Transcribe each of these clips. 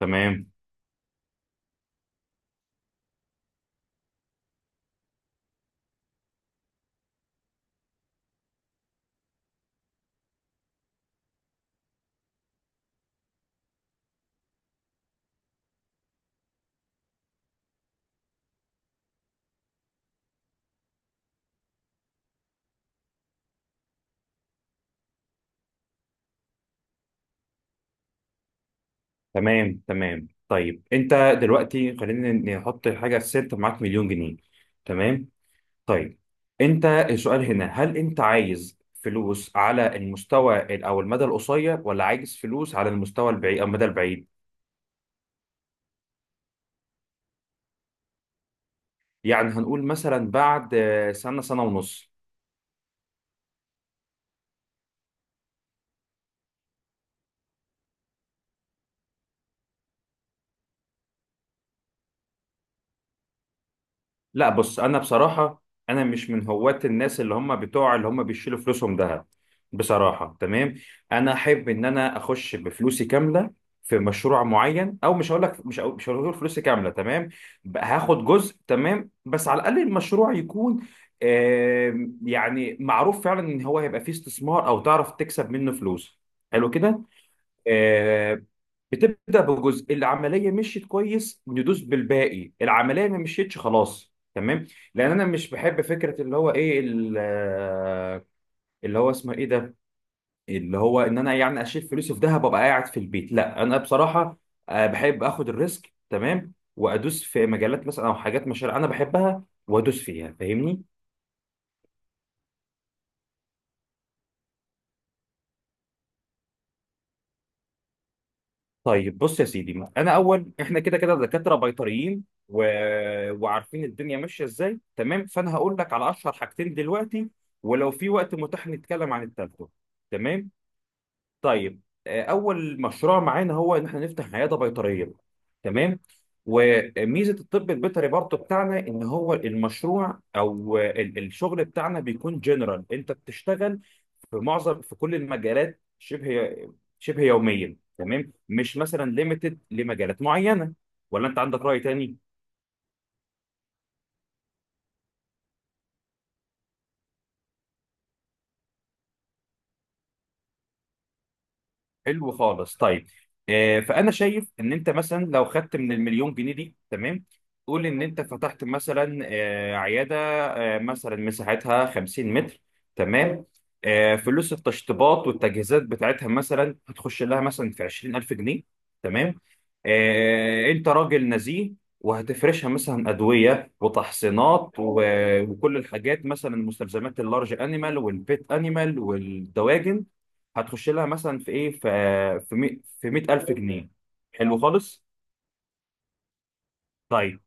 تمام، تمام، تمام. طيب انت دلوقتي، خلينا نحط حاجه ست معاك مليون جنيه. تمام. طيب انت، السؤال هنا: هل انت عايز فلوس على المستوى او المدى القصير، ولا عايز فلوس على المستوى البعيد او المدى البعيد؟ يعني هنقول مثلا بعد سنه، سنه ونص. لا، بص انا بصراحه انا مش من هواة الناس اللي هم بتوع اللي هم بيشيلوا فلوسهم ذهب، بصراحه. تمام. انا احب ان انا اخش بفلوسي كامله في مشروع معين، او مش هقول لك مش هقول فلوسي كامله، تمام، بقى هاخد جزء. تمام، بس على الاقل المشروع يكون يعني معروف فعلا ان هو هيبقى فيه استثمار، او تعرف تكسب منه فلوس، حلو كده. آه، بتبدا بجزء، العمليه مشيت كويس ندوس بالباقي، العمليه ما مشيتش خلاص. تمام. لان انا مش بحب فكره اللي هو ايه اللي هو اسمه ايه ده، اللي هو ان انا يعني اشيل فلوسي في دهب وابقى قاعد في البيت. لا، انا بصراحه بحب اخد الريسك، تمام، وادوس في مجالات مثلا، او حاجات مشاريع انا بحبها وادوس فيها، فاهمني؟ طيب بص يا سيدي، ما انا اول، احنا كده كده دكاتره بيطريين و... وعارفين الدنيا ماشيه ازاي. تمام، فانا هقول لك على اشهر حاجتين دلوقتي، ولو في وقت متاح نتكلم عن التالتة. تمام. طيب، اول مشروع معانا هو ان احنا نفتح عياده بيطريه. تمام. وميزه الطب البيطري برضه بتاعنا ان هو المشروع او الشغل بتاعنا بيكون جنرال، انت بتشتغل في كل المجالات شبه يوميا. تمام، مش مثلا ليميتد لمجالات معينه، ولا انت عندك راي تاني؟ حلو خالص. طيب، فانا شايف ان انت مثلا لو خدت من المليون جنيه دي. تمام، قول ان انت فتحت مثلا عياده، مثلا مساحتها 50 متر. تمام، فلوس التشطيبات والتجهيزات بتاعتها مثلا هتخش لها مثلا في 20,000 جنيه. تمام. انت راجل نزيه، وهتفرشها مثلا ادويه وتحصينات وكل الحاجات، مثلا مستلزمات اللارج انيمال والبيت انيمال والدواجن، هتخش لها مثلا في ايه، في 100,000 جنيه. حلو خالص. طيب،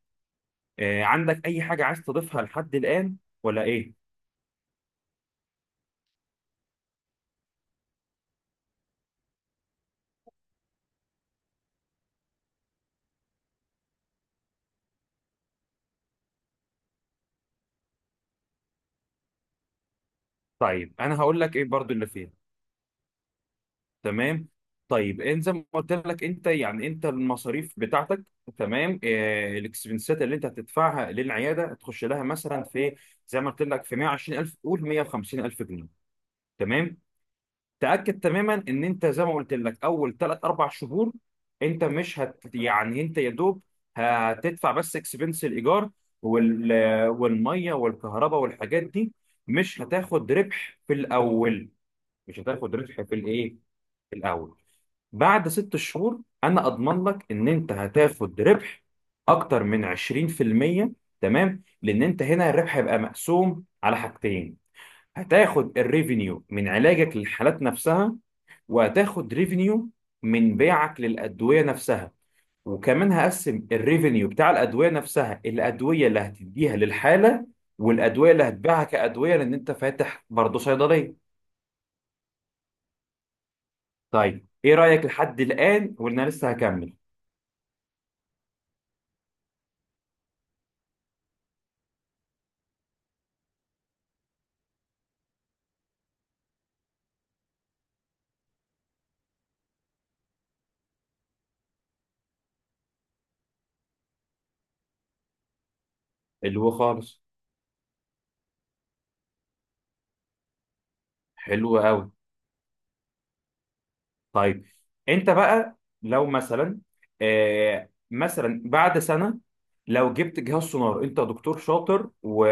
عندك اي حاجه عايز تضيفها لحد الان ولا ايه؟ طيب انا هقول لك ايه برضو اللي فيها. تمام. طيب، انت زي ما قلت لك، انت يعني انت المصاريف بتاعتك، تمام، الاكسبنسات اللي انت هتدفعها للعياده هتخش لها مثلا في إيه؟ زي ما قلت لك في 120,000، قول 150,000 جنيه. تمام. تاكد تماما ان انت زي ما قلت لك، اول ثلاث اربع شهور انت مش هت يعني انت يا دوب هتدفع بس اكسبنس الايجار وال... والميه والكهرباء والحاجات دي. مش هتاخد ربح في الاول، مش هتاخد ربح في الايه، في الاول. بعد 6 شهور انا اضمن لك ان انت هتاخد ربح اكتر من 20%. تمام، لان انت هنا الربح هيبقى مقسوم على حاجتين: هتاخد الريفينيو من علاجك للحالات نفسها، وهتاخد ريفينيو من بيعك للأدوية نفسها. وكمان هقسم الريفينيو بتاع الأدوية نفسها، الأدوية اللي هتديها للحالة، والأدوية اللي هتبيعها كأدوية، لأن أنت فاتح برضه صيدلية. طيب إيه رأيك لحد الآن، وإن أنا لسه هكمل؟ حلو خالص. حلو قوي. طيب انت بقى لو مثلا، مثلا بعد سنه، لو جبت جهاز سونار، انت دكتور شاطر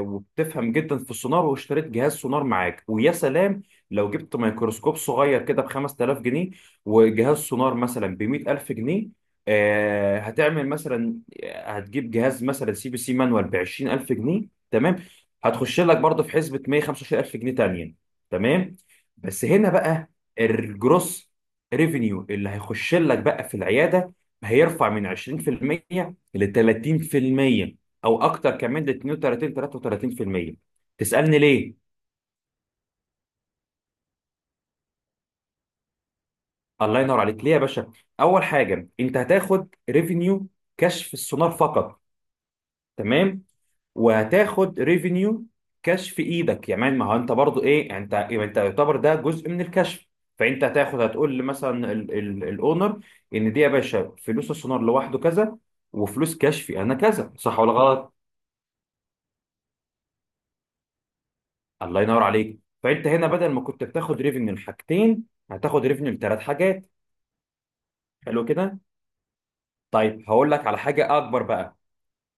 وبتفهم جدا في السونار، واشتريت جهاز سونار معاك، ويا سلام. لو جبت ميكروسكوب صغير كده ب 5,000 جنيه، وجهاز سونار مثلا ب 100,000 جنيه، هتعمل مثلا، هتجيب جهاز مثلا سي بي سي مانوال ب 20,000 جنيه. تمام، هتخش لك برضه في حسبه 125,000 جنيه تانية. تمام. بس هنا بقى، الجروس ريفينيو اللي هيخش لك بقى في العياده هيرفع من 20% ل 30%، او اكتر كمان ل 32، 33%. تسالني ليه؟ الله ينور عليك. ليه يا باشا؟ اول حاجه، انت هتاخد ريفينيو كشف السونار فقط. تمام. وهتاخد ريفينيو كاش في ايدك، يعني ما هو انت برضو ايه، انت يعتبر ده جزء من الكشف. فانت هتاخد، هتقول مثلا الاونر ان دي يا باشا فلوس السونار لوحده كذا، وفلوس كشفي انا كذا، صح ولا غلط؟ الله ينور عليك، فانت هنا بدل ما كنت بتاخد ريفينيو لحاجتين، هتاخد ريفينيو لثلاث حاجات. حلو كده. طيب، هقول لك على حاجه اكبر بقى.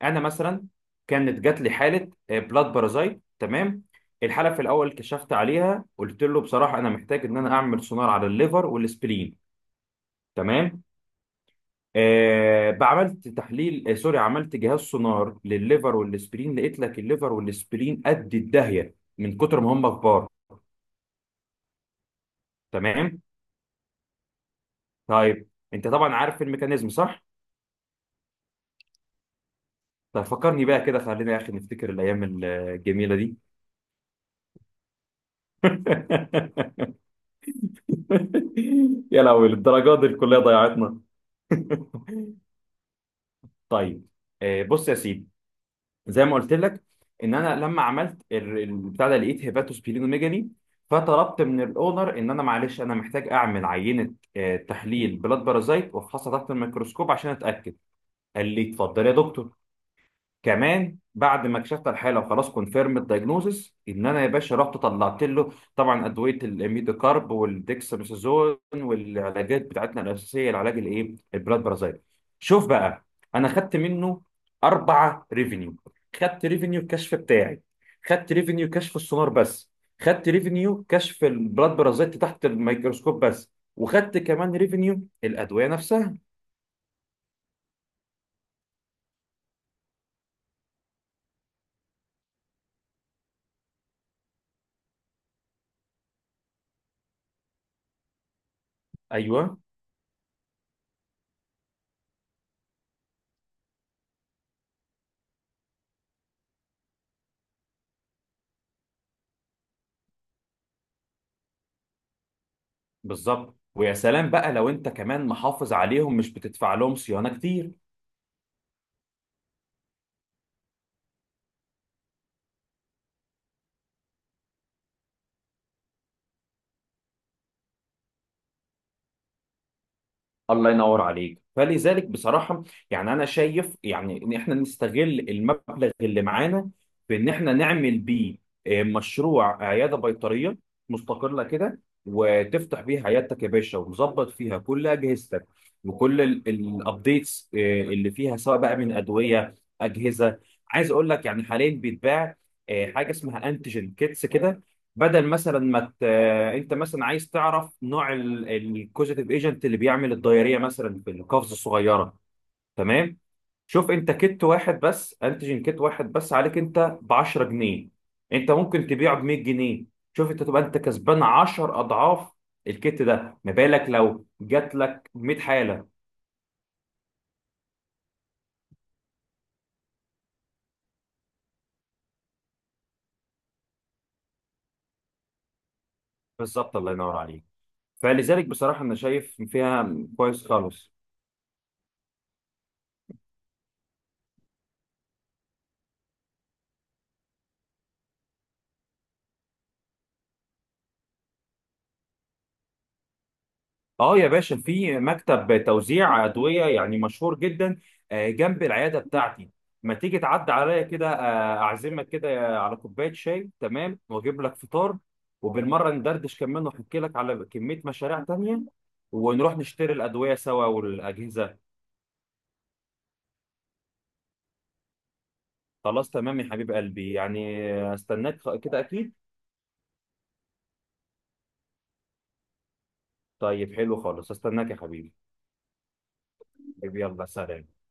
انا مثلا، كانت جات لي حاله بلاد بارازايت. تمام. الحاله في الاول كشفت عليها، قلت له بصراحه انا محتاج ان انا اعمل سونار على الليفر والسبلين. تمام. آه بعملت تحليل آه سوري، عملت جهاز سونار للليفر والسبلين، لقيت لك الليفر والسبلين قد الداهيه من كتر ما هم كبار. تمام. طيب انت طبعا عارف الميكانيزم، صح؟ طيب فكرني بقى كده، خلينا يا اخي نفتكر الايام الجميله دي. يا لهوي، للدرجات دي الكليه ضيعتنا! طيب، بص يا سيدي، زي ما قلت لك ان انا لما عملت البتاع ده، لقيت هيباتوس بيلينوميجالي. فطلبت من الاونر ان انا، معلش، انا محتاج اعمل عينه، تحليل بلاد بارازايت، وافحصها تحت الميكروسكوب عشان اتاكد. قال لي اتفضل يا دكتور. كمان بعد ما اكتشفت الحاله، وخلاص كونفيرم الدايجنوزس، ان انا يا باشا رحت طلعت له طبعا ادويه الميدوكارب والديكساميثازون والعلاجات بتاعتنا الاساسيه، العلاج الايه، البلاد بارازايت. شوف بقى، انا خدت منه اربعه ريفينيو: خدت ريفينيو الكشف بتاعي، خدت ريفينيو كشف السونار بس، خدت ريفينيو كشف البلاد بارازايت تحت الميكروسكوب بس، وخدت كمان ريفينيو الادويه نفسها. ايوه، بالظبط، ويا سلام بقى لو انت كمان محافظ عليهم، مش بتدفع لهم صيانه كتير. الله ينور عليك، فلذلك بصراحه يعني انا شايف يعني ان احنا نستغل المبلغ اللي معانا في ان احنا نعمل بيه مشروع عياده بيطريه مستقله كده، وتفتح بيها عيادتك يا باشا، ومظبط فيها كل اجهزتك وكل الابديتس اللي فيها، سواء بقى من ادويه، اجهزه. عايز اقول لك يعني حاليا بيتباع حاجه اسمها انتيجين كيتس كده، بدل مثلا ما ت... انت مثلا عايز تعرف نوع الكوزيتيف ايجنت اللي بيعمل الدايريه مثلا في القفز الصغيره. تمام، شوف انت كت واحد بس، انتيجين كت واحد بس، عليك انت ب 10 جنيه، انت ممكن تبيعه ب 100 جنيه. شوف انت تبقى انت كسبان 10 اضعاف الكت ده، ما بالك لو جات لك 100 حاله! بالظبط، الله ينور عليك، فلذلك بصراحه انا شايف فيها كويس خالص. اه يا باشا، في مكتب توزيع ادويه يعني مشهور جدا، جنب العياده بتاعتي. ما تيجي تعدي عليا كده، اعزمك كده على كوبايه شاي. تمام، واجيب لك فطار، وبالمره ندردش كمان واحكي لك على كميه مشاريع تانية، ونروح نشتري الادويه سوا والاجهزه. خلاص تمام يا حبيب قلبي، يعني استناك كده اكيد. طيب حلو خالص، استناك يا حبيبي. طيب، يلا سلام.